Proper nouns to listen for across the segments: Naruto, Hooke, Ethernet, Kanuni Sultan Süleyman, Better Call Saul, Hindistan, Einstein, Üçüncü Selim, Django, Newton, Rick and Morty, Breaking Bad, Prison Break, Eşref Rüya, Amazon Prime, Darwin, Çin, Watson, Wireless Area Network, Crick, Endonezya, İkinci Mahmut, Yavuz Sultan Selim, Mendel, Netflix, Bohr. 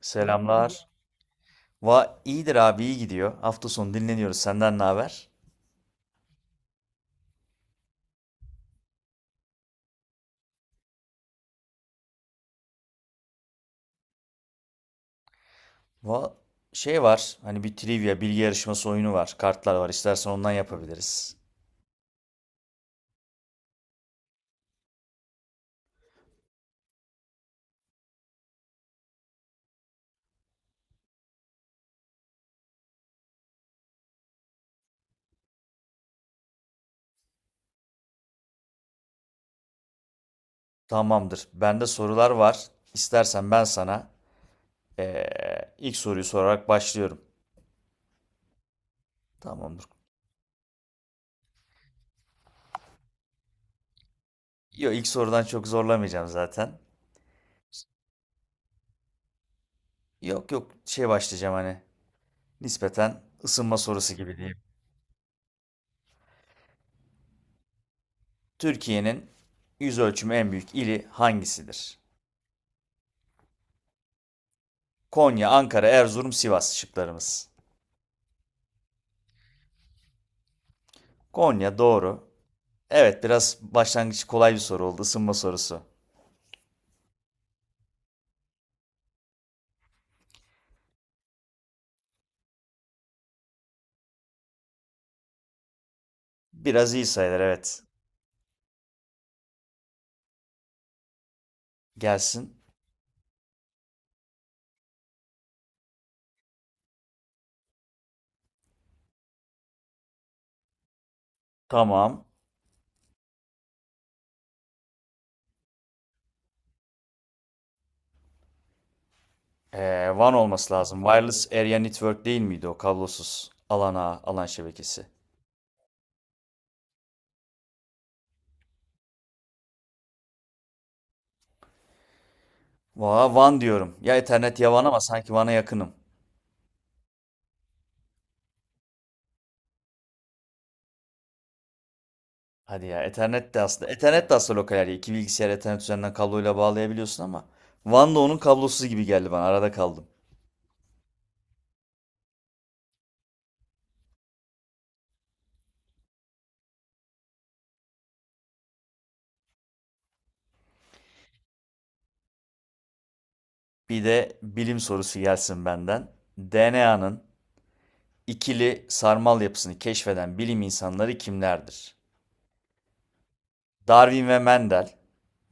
Selamlar. İyidir abi, iyi gidiyor. Hafta sonu dinleniyoruz. Senden ne haber? Va Şey var. Hani bir trivia, bilgi yarışması oyunu var. Kartlar var. İstersen ondan yapabiliriz. Tamamdır. Bende sorular var. İstersen ben sana ilk soruyu sorarak başlıyorum. Tamamdır. Yok, ilk sorudan çok zorlamayacağım zaten. Yok yok, şey başlayacağım, hani nispeten ısınma sorusu gibi diyeyim. Türkiye'nin yüz ölçümü en büyük ili hangisidir? Konya, Ankara, Erzurum, Sivas şıklarımız. Konya doğru. Evet, biraz başlangıç kolay bir soru oldu. Isınma sorusu. Biraz iyi sayılır, evet. Gelsin. Tamam. WAN olması lazım. Wireless Area Network değil miydi o kablosuz alan ağı, alan şebekesi? Valla WAN diyorum. Ya Ethernet ya WAN, ama sanki WAN'a yakınım. Hadi ya, Ethernet de aslında. Ethernet de aslında lokal area. İki bilgisayar Ethernet üzerinden kabloyla bağlayabiliyorsun ama WAN da onun kablosuzu gibi geldi bana. Arada kaldım. Bir de bilim sorusu gelsin benden. DNA'nın İkili sarmal yapısını keşfeden bilim insanları kimlerdir? Darwin ve Mendel,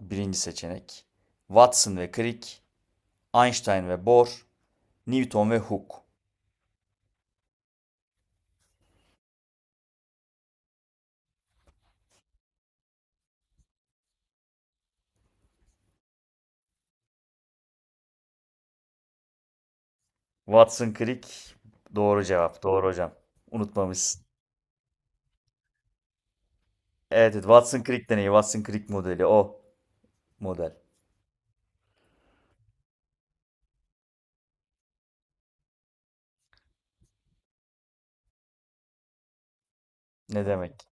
birinci seçenek. Watson ve Crick, Einstein ve Bohr, Newton ve Hooke. Watson Crick doğru cevap. Doğru hocam. Unutmamışsın. Evet, evet, Watson Crick deneyi, Watson Crick modeli, o model. Ne demek?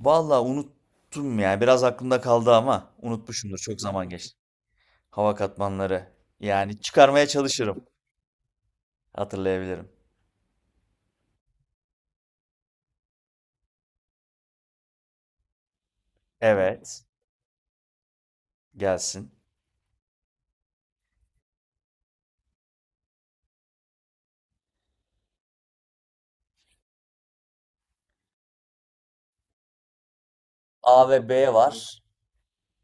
Vallahi unuttum ya. Biraz aklımda kaldı ama unutmuşumdur. Çok zaman geçti. Hava katmanları. Yani çıkarmaya çalışırım. Hatırlayabilirim. Evet. Gelsin. A ve B var.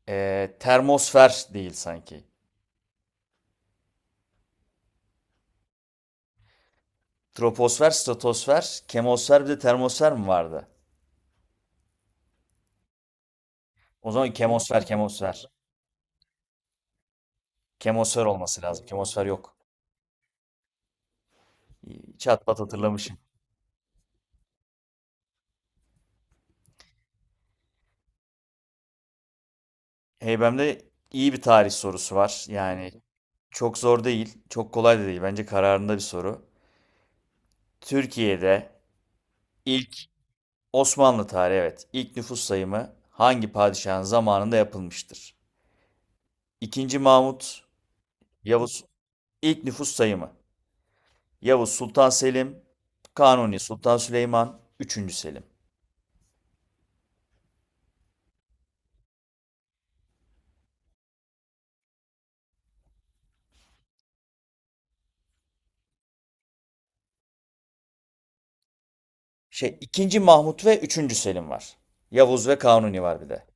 Termosfer değil sanki. Troposfer, stratosfer, kemosfer, bir de termosfer mi vardı? O zaman kemosfer, kemosfer. Kemosfer olması lazım. Kemosfer yok. Çat pat hatırlamışım. Heybem'de iyi bir tarih sorusu var. Yani çok zor değil, çok kolay da değil. Bence kararında bir soru. Türkiye'de ilk Osmanlı tarihi, evet, ilk nüfus sayımı hangi padişahın zamanında yapılmıştır? İkinci Mahmut, Yavuz, ilk nüfus sayımı. Yavuz Sultan Selim, Kanuni Sultan Süleyman, üçüncü Selim. Şey, ikinci Mahmut ve üçüncü Selim var. Yavuz ve Kanuni var bir de.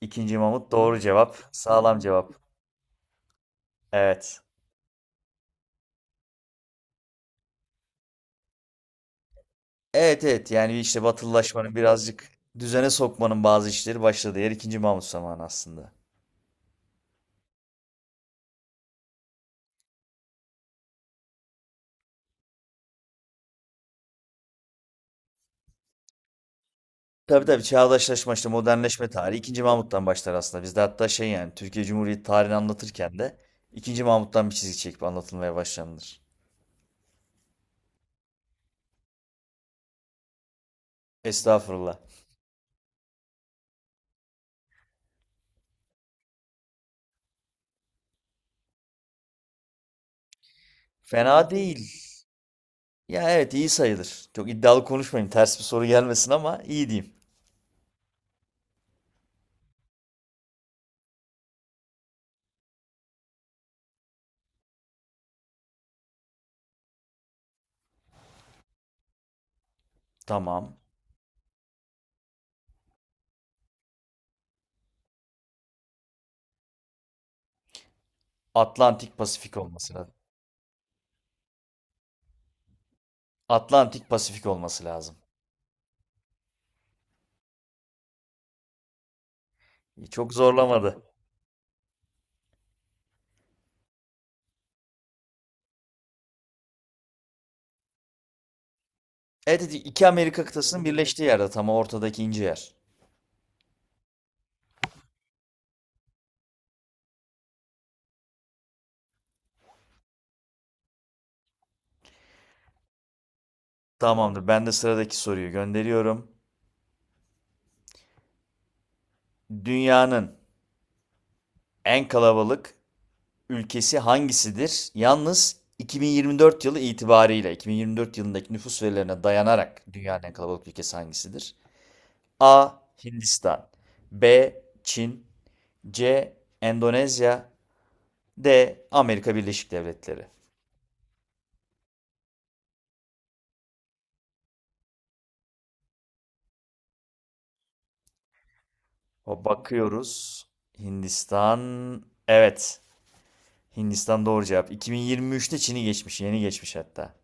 İkinci Mahmut doğru cevap. Sağlam cevap. Evet. Evet evet, yani işte batılılaşmanın birazcık düzene sokmanın bazı işleri başladığı yer ikinci Mahmut zamanı aslında. Tabii tabii, çağdaşlaşma işte modernleşme tarihi ikinci Mahmut'tan başlar aslında. Bizde hatta şey, yani Türkiye Cumhuriyeti tarihini anlatırken de ikinci Mahmut'tan bir çizgi çekip anlatılmaya başlanılır. Estağfurullah. Fena değil. Ya evet, iyi sayılır. Çok iddialı konuşmayayım. Ters bir soru gelmesin ama iyi diyeyim. Tamam. Atlantik Pasifik olması lazım. Atlantik Pasifik olması lazım. Çok zorlamadı. Evet evet, iki Amerika kıtasının birleştiği yerde tam ortadaki ince yer. Tamamdır. Ben de sıradaki soruyu gönderiyorum. Dünyanın en kalabalık ülkesi hangisidir? Yalnız 2024 yılı itibariyle, 2024 yılındaki nüfus verilerine dayanarak dünyanın en kalabalık ülkesi hangisidir? A. Hindistan. B. Çin. C. Endonezya. D. Amerika Birleşik Devletleri. O bakıyoruz. Hindistan. Evet. Hindistan doğru cevap. 2023'te Çin'i geçmiş. Yeni geçmiş hatta.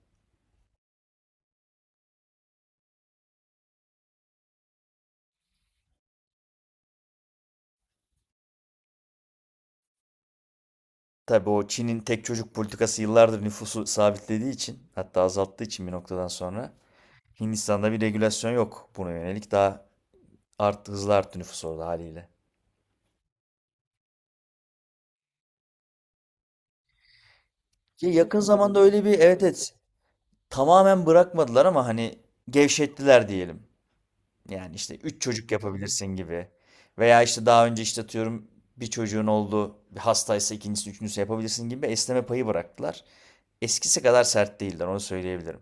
Tabii, o Çin'in tek çocuk politikası yıllardır nüfusu sabitlediği için, hatta azalttığı için, bir noktadan sonra Hindistan'da bir regülasyon yok buna yönelik. Daha hızlı arttı nüfus orada haliyle. Ki yakın zamanda öyle bir, evet evet, tamamen bırakmadılar ama hani gevşettiler diyelim. Yani işte 3 çocuk yapabilirsin gibi. Veya işte daha önce işte atıyorum bir çocuğun oldu, bir hastaysa ikincisi, üçüncüsü yapabilirsin gibi esneme payı bıraktılar. Eskisi kadar sert değiller, onu söyleyebilirim.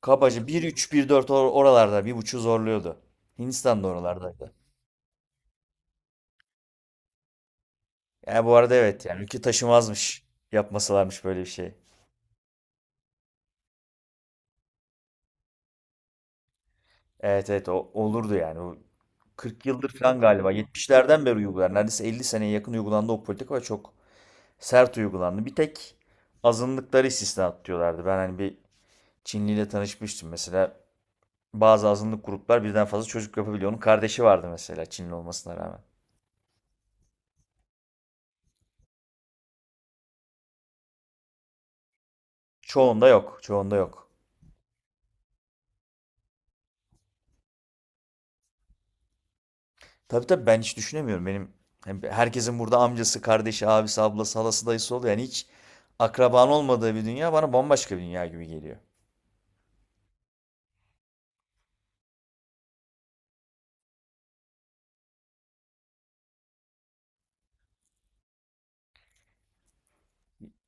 Kabaca bir üç bir dört oralarda, 1,5 zorluyordu. Hindistan da oralardaydı. Yani bu arada evet, yani ülke taşımazmış yapmasalarmış böyle bir şey. Evet evet, o olurdu yani. O 40 yıldır falan galiba, 70'lerden beri uygular. Neredeyse 50 seneye yakın uygulandı o politika ve çok sert uygulandı. Bir tek azınlıkları istisna atıyorlardı. Ben hani bir Çinliyle tanışmıştım. Mesela bazı azınlık gruplar birden fazla çocuk yapabiliyor. Onun kardeşi vardı mesela, Çinli olmasına rağmen. Çoğunda yok, çoğunda yok. Tabii tabii, ben hiç düşünemiyorum. Benim, hem herkesin burada amcası, kardeşi, abisi, ablası, halası, dayısı oluyor. Yani hiç akraban olmadığı bir dünya bana bambaşka bir dünya gibi geliyor.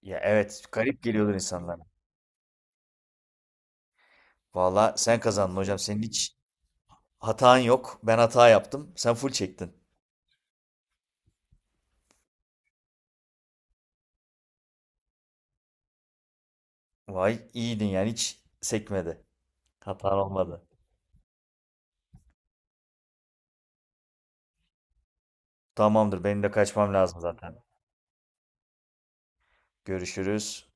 Ya evet, garip geliyordur insanlara. Valla sen kazandın hocam. Senin hiç hatan yok. Ben hata yaptım. Sen full çektin. Vay iyiydin yani, hiç sekmedi. Hatan olmadı. Tamamdır, benim de kaçmam lazım zaten. Görüşürüz.